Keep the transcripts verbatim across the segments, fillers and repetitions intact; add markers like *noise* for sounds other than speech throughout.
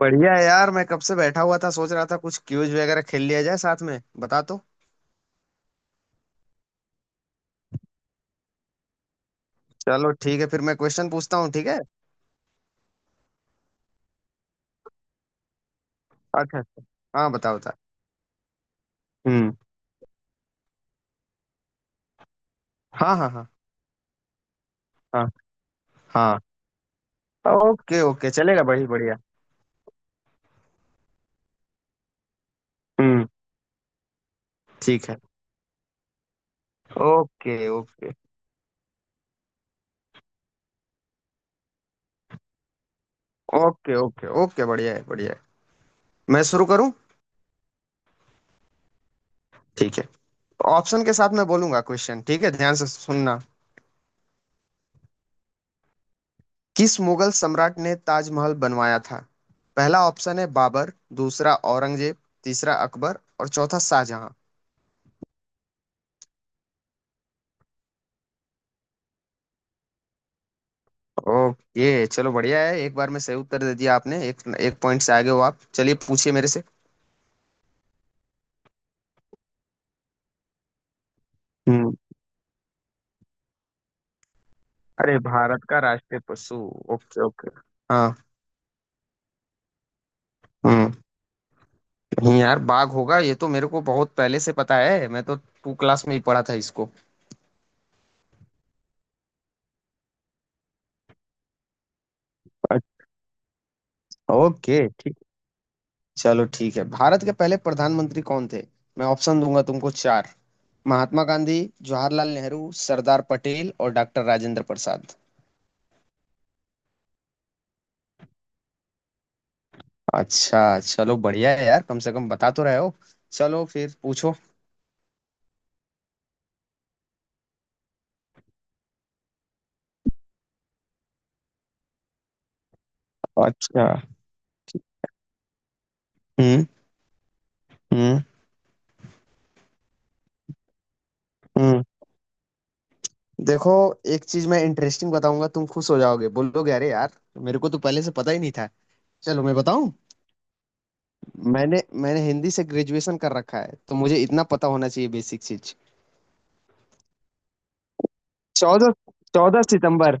बढ़िया है यार। मैं कब से बैठा हुआ था, सोच रहा था कुछ क्यूज वगैरह खेल लिया जाए साथ में, बता तो। चलो ठीक है, फिर मैं क्वेश्चन पूछता हूँ, ठीक है। अच्छा अच्छा। हाँ बताओ बता। हम्म। हाँ हाँ हाँ। हाँ हाँ। ओके ओके, चलेगा, बड़ी बढ़िया। हम्म। ठीक है। Okay okay okay. Okay okay, बढ़िया है बढ़िया है। मैं शुरू करूँ? ठीक है। ऑप्शन के साथ मैं बोलूंगा क्वेश्चन, ठीक है, ध्यान से सुनना। किस मुगल सम्राट ने ताजमहल बनवाया था? पहला ऑप्शन है बाबर, दूसरा औरंगजेब, तीसरा अकबर और चौथा शाहजहां। ओके चलो बढ़िया है, एक बार में सही उत्तर दे दिया आपने, एक एक पॉइंट से आगे हो आप। चलिए पूछिए मेरे से। हम्म। अरे, भारत का राष्ट्रीय पशु। Okay okay. हाँ। हम्म। नहीं यार, बाघ होगा, ये तो मेरे को बहुत पहले से पता है, मैं तो टू क्लास में ही पढ़ा था इसको। अच्छा। ओके ठीक। चलो ठीक है, भारत के पहले प्रधानमंत्री कौन थे? मैं ऑप्शन दूंगा तुमको चार। महात्मा गांधी, जवाहरलाल नेहरू, सरदार पटेल और डॉक्टर राजेंद्र प्रसाद। अच्छा चलो बढ़िया है यार, कम से कम बता तो रहे हो। चलो फिर पूछो। अच्छा। हम्म। हम्म। हम्म। देखो, एक चीज मैं इंटरेस्टिंग बताऊंगा, तुम खुश हो जाओगे, बोलोगे अरे यार, मेरे को तो पहले से पता ही नहीं था। चलो मैं बताऊं। मैंने मैंने हिंदी से ग्रेजुएशन कर रखा है, तो मुझे इतना पता होना चाहिए, बेसिक चीज। चौदह, चौदह सितंबर।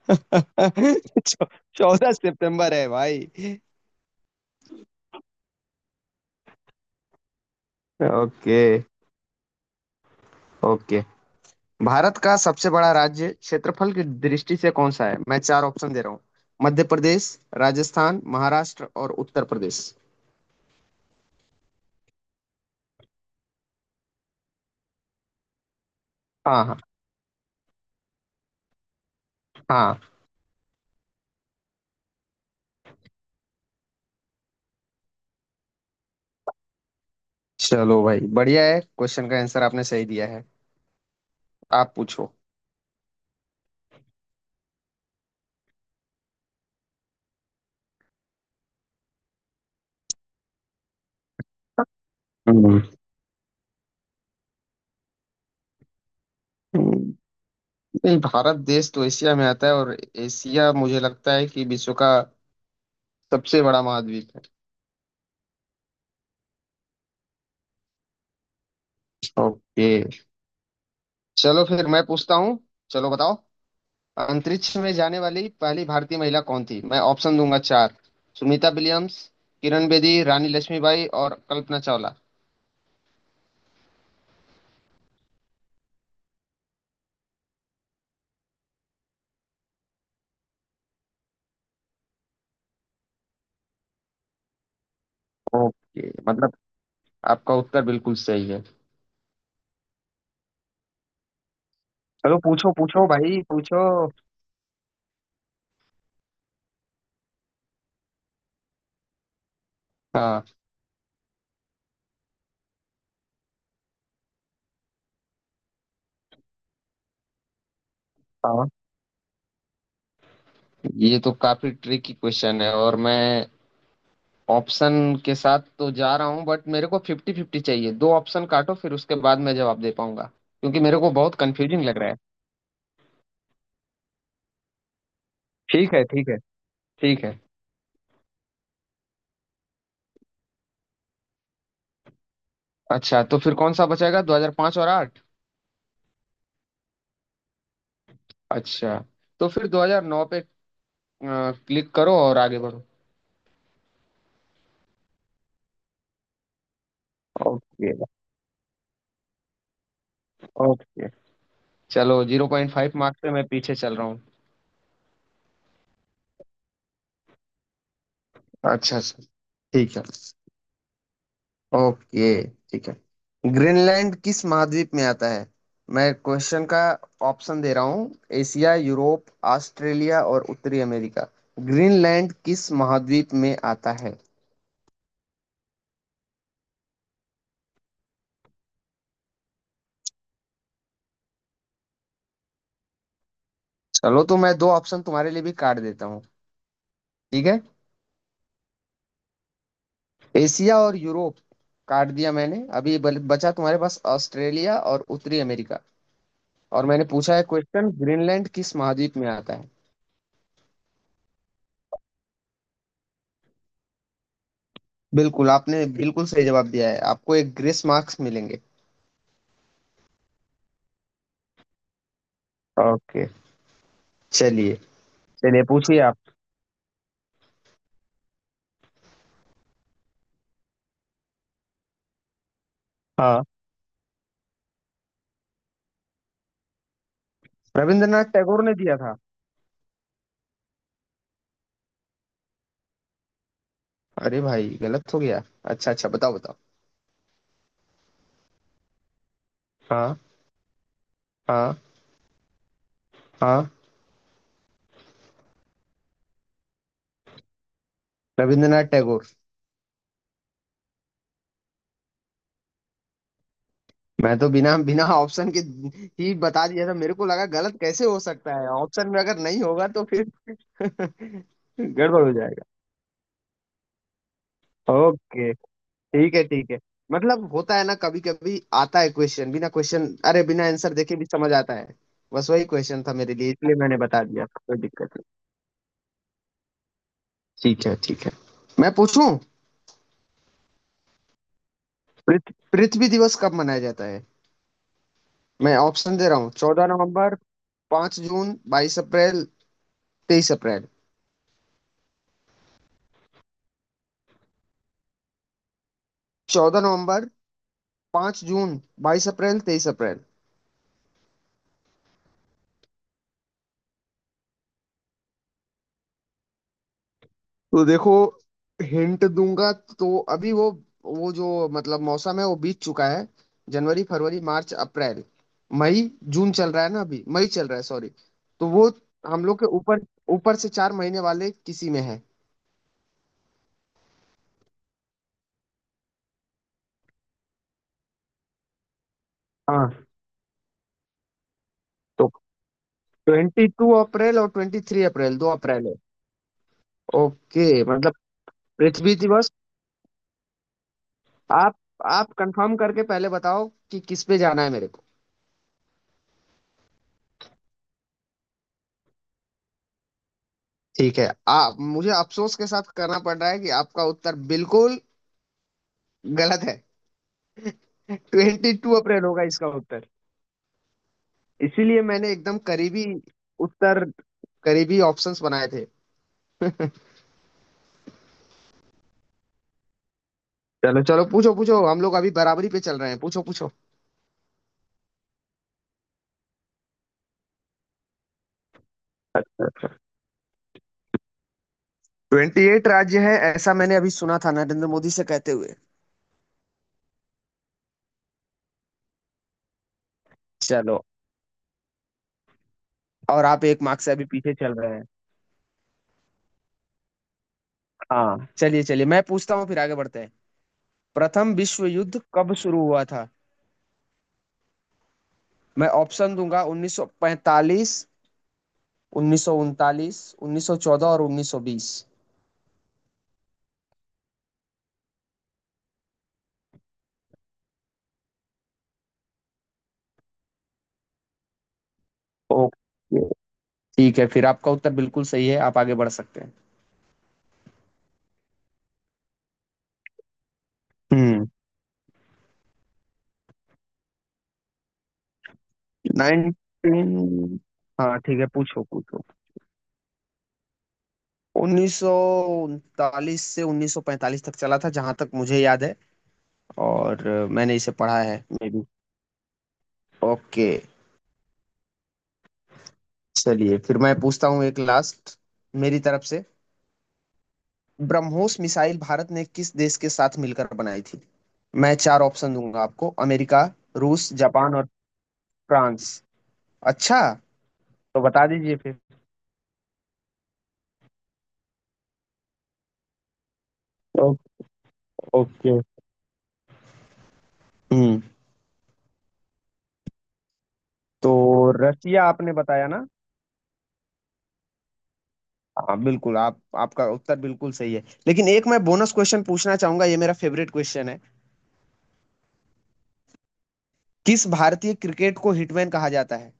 *laughs* चौदह सितंबर है भाई। Okay okay. भारत का सबसे बड़ा राज्य क्षेत्रफल की दृष्टि से कौन सा है? मैं चार ऑप्शन दे रहा हूँ। मध्य प्रदेश, राजस्थान, महाराष्ट्र और उत्तर प्रदेश। हाँ हाँ। हाँ। चलो भाई बढ़िया है, क्वेश्चन का आंसर आपने सही दिया है। आप पूछो। हम्म। हम्म, नहीं, भारत देश तो एशिया में आता है, और एशिया मुझे लगता है कि विश्व का सबसे बड़ा महाद्वीप है। ओके। चलो फिर मैं पूछता हूँ। चलो बताओ। अंतरिक्ष में जाने वाली पहली भारतीय महिला कौन थी? मैं ऑप्शन दूंगा चार। सुनीता विलियम्स, किरण बेदी, रानी लक्ष्मीबाई और कल्पना चावला। ओके मतलब आपका उत्तर बिल्कुल सही है। चलो पूछो पूछो भाई पूछो। हाँ हाँ। ये तो काफी ट्रिकी क्वेश्चन है, और मैं ऑप्शन के साथ तो जा रहा हूँ, बट मेरे को फिफ्टी फिफ्टी चाहिए, दो ऑप्शन काटो, फिर उसके बाद मैं जवाब दे पाऊंगा, क्योंकि मेरे को बहुत कंफ्यूजिंग लग रहा है। ठीक है ठीक है। ठीक है। अच्छा तो फिर कौन सा बचेगा, दो हज़ार पाँच और आठ? अच्छा तो फिर दो हज़ार नौ पे क्लिक करो और आगे बढ़ो। Okay okay. चलो ज़ीरो पॉइंट फाइव मार्क्स पे मैं पीछे चल रहा हूँ। अच्छा अच्छा। ठीक है। ओके। ठीक है। ग्रीनलैंड किस महाद्वीप में आता है? मैं क्वेश्चन का ऑप्शन दे रहा हूँ, एशिया, यूरोप, ऑस्ट्रेलिया और उत्तरी अमेरिका। ग्रीनलैंड किस महाद्वीप में आता है? चलो तो मैं दो ऑप्शन तुम्हारे लिए भी काट देता हूँ, ठीक है। एशिया और यूरोप काट दिया मैंने। अभी बल- बचा तुम्हारे पास ऑस्ट्रेलिया और उत्तरी अमेरिका। और मैंने पूछा है क्वेश्चन, ग्रीनलैंड किस महाद्वीप में आता है? बिल्कुल, आपने बिल्कुल सही जवाब दिया है, आपको एक ग्रेस मार्क्स मिलेंगे। ओके। चलिए। चलिए पूछिए आप। हाँ, रविंद्रनाथ टैगोर ने दिया था। अरे भाई गलत हो गया। अच्छा अच्छा बताओ बताओ। हाँ हाँ। हाँ। रविंद्रनाथ टैगोर। मैं तो बिना बिना ऑप्शन के ही बता दिया था, मेरे को लगा गलत कैसे हो सकता है, ऑप्शन में अगर नहीं होगा तो फिर *laughs* गड़बड़ हो जाएगा। ओके। ठीक है ठीक है। मतलब होता है ना, कभी कभी आता है क्वेश्चन, बिना क्वेश्चन, अरे बिना आंसर देखे भी समझ आता है। बस वही क्वेश्चन था मेरे लिए, इसलिए मैंने बता दिया, कोई दिक्कत नहीं। ठीक है ठीक है। मैं पूछूं? पृथ- पृथ्वी दिवस कब मनाया जाता है? मैं ऑप्शन दे रहा हूँ, चौदह नवंबर, पांच जून, बाईस अप्रैल, तेईस अप्रैल। चौदह नवंबर, पांच जून, बाईस अप्रैल, तेईस अप्रैल। तो देखो, हिंट दूंगा तो, अभी वो वो जो मतलब मौसम है वो बीत चुका है। जनवरी, फरवरी, मार्च, अप्रैल, मई, जून चल रहा है ना, अभी मई चल रहा है, सॉरी। तो वो हम लोग के ऊपर, ऊपर से चार महीने वाले किसी में है। हाँ। तो ट्वेंटी टू अप्रैल और ट्वेंटी थ्री अप्रैल, दो अप्रैल है। ओके मतलब पृथ्वी दिवस। आप आप कंफर्म करके पहले बताओ कि किस पे जाना है मेरे को। ठीक है आप, मुझे अफसोस के साथ करना पड़ रहा है कि आपका उत्तर बिल्कुल गलत है। ट्वेंटी टू अप्रैल होगा इसका उत्तर, इसीलिए मैंने एकदम करीबी उत्तर, करीबी ऑप्शंस बनाए थे। चलो चलो, पूछो पूछो, हम लोग अभी बराबरी पे चल रहे हैं, पूछो पूछो। ट्वेंटी एट राज्य है, ऐसा मैंने अभी सुना था नरेंद्र मोदी से कहते हुए। चलो। और आप एक मार्क्स से अभी पीछे चल रहे हैं। हाँ चलिए चलिए, मैं पूछता हूँ फिर आगे बढ़ते हैं। प्रथम विश्व युद्ध कब शुरू हुआ था? मैं ऑप्शन दूंगा उन्नीस सौ पैंतालीस, उन्नीस सौ उनतालीस, उन्नीस सौ चौदह और उन्नीस सौ बीस। ओके ठीक है, फिर आपका उत्तर बिल्कुल सही है, आप आगे बढ़ सकते हैं। हम्म। नाइन्टीन। हाँ ठीक है, पूछो पूछो। उन्नीस सौ उनतालीस से उन्नीस सौ पैंतालीस तक चला था, जहां तक मुझे याद है। और अ, मैंने इसे पढ़ा है, मे बी। ओके। चलिए फिर मैं पूछता हूँ एक लास्ट मेरी तरफ से। ब्रह्मोस मिसाइल भारत ने किस देश के साथ मिलकर बनाई थी? मैं चार ऑप्शन दूंगा आपको, अमेरिका, रूस, जापान और फ्रांस। अच्छा तो बता दीजिए फिर। ओ- ओके। हम्म। तो रसिया आपने बताया ना। हाँ बिल्कुल आप, आपका उत्तर बिल्कुल सही है, लेकिन एक मैं बोनस क्वेश्चन पूछना चाहूंगा, ये मेरा फेवरेट क्वेश्चन है। किस भारतीय क्रिकेट को हिटमैन कहा जाता है?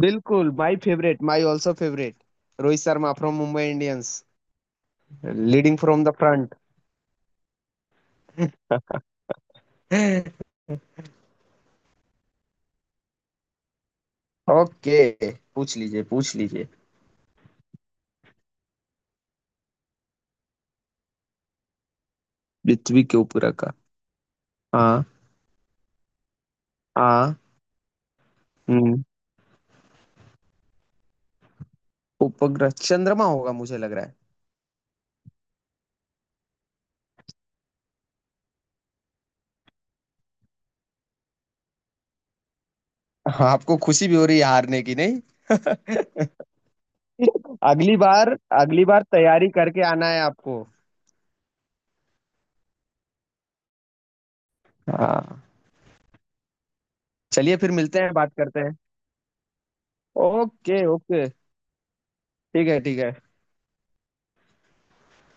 बिल्कुल my favourite, my also favourite, Rohit Sharma from Mumbai Indians, leading from the front. *laughs* Okay. पूछ लीजिए पूछ लीजिए। पृथ्वी के उपग्रह का। हाँ हाँ। हम्म। उपग्रह चंद्रमा होगा, मुझे लग रहा है। हाँ, आपको खुशी भी हो रही है हारने की नहीं। *laughs* अगली बार, अगली बार तैयारी करके आना है आपको। हाँ। चलिए फिर मिलते हैं, बात करते हैं। Okay okay. ठीक है ठीक है।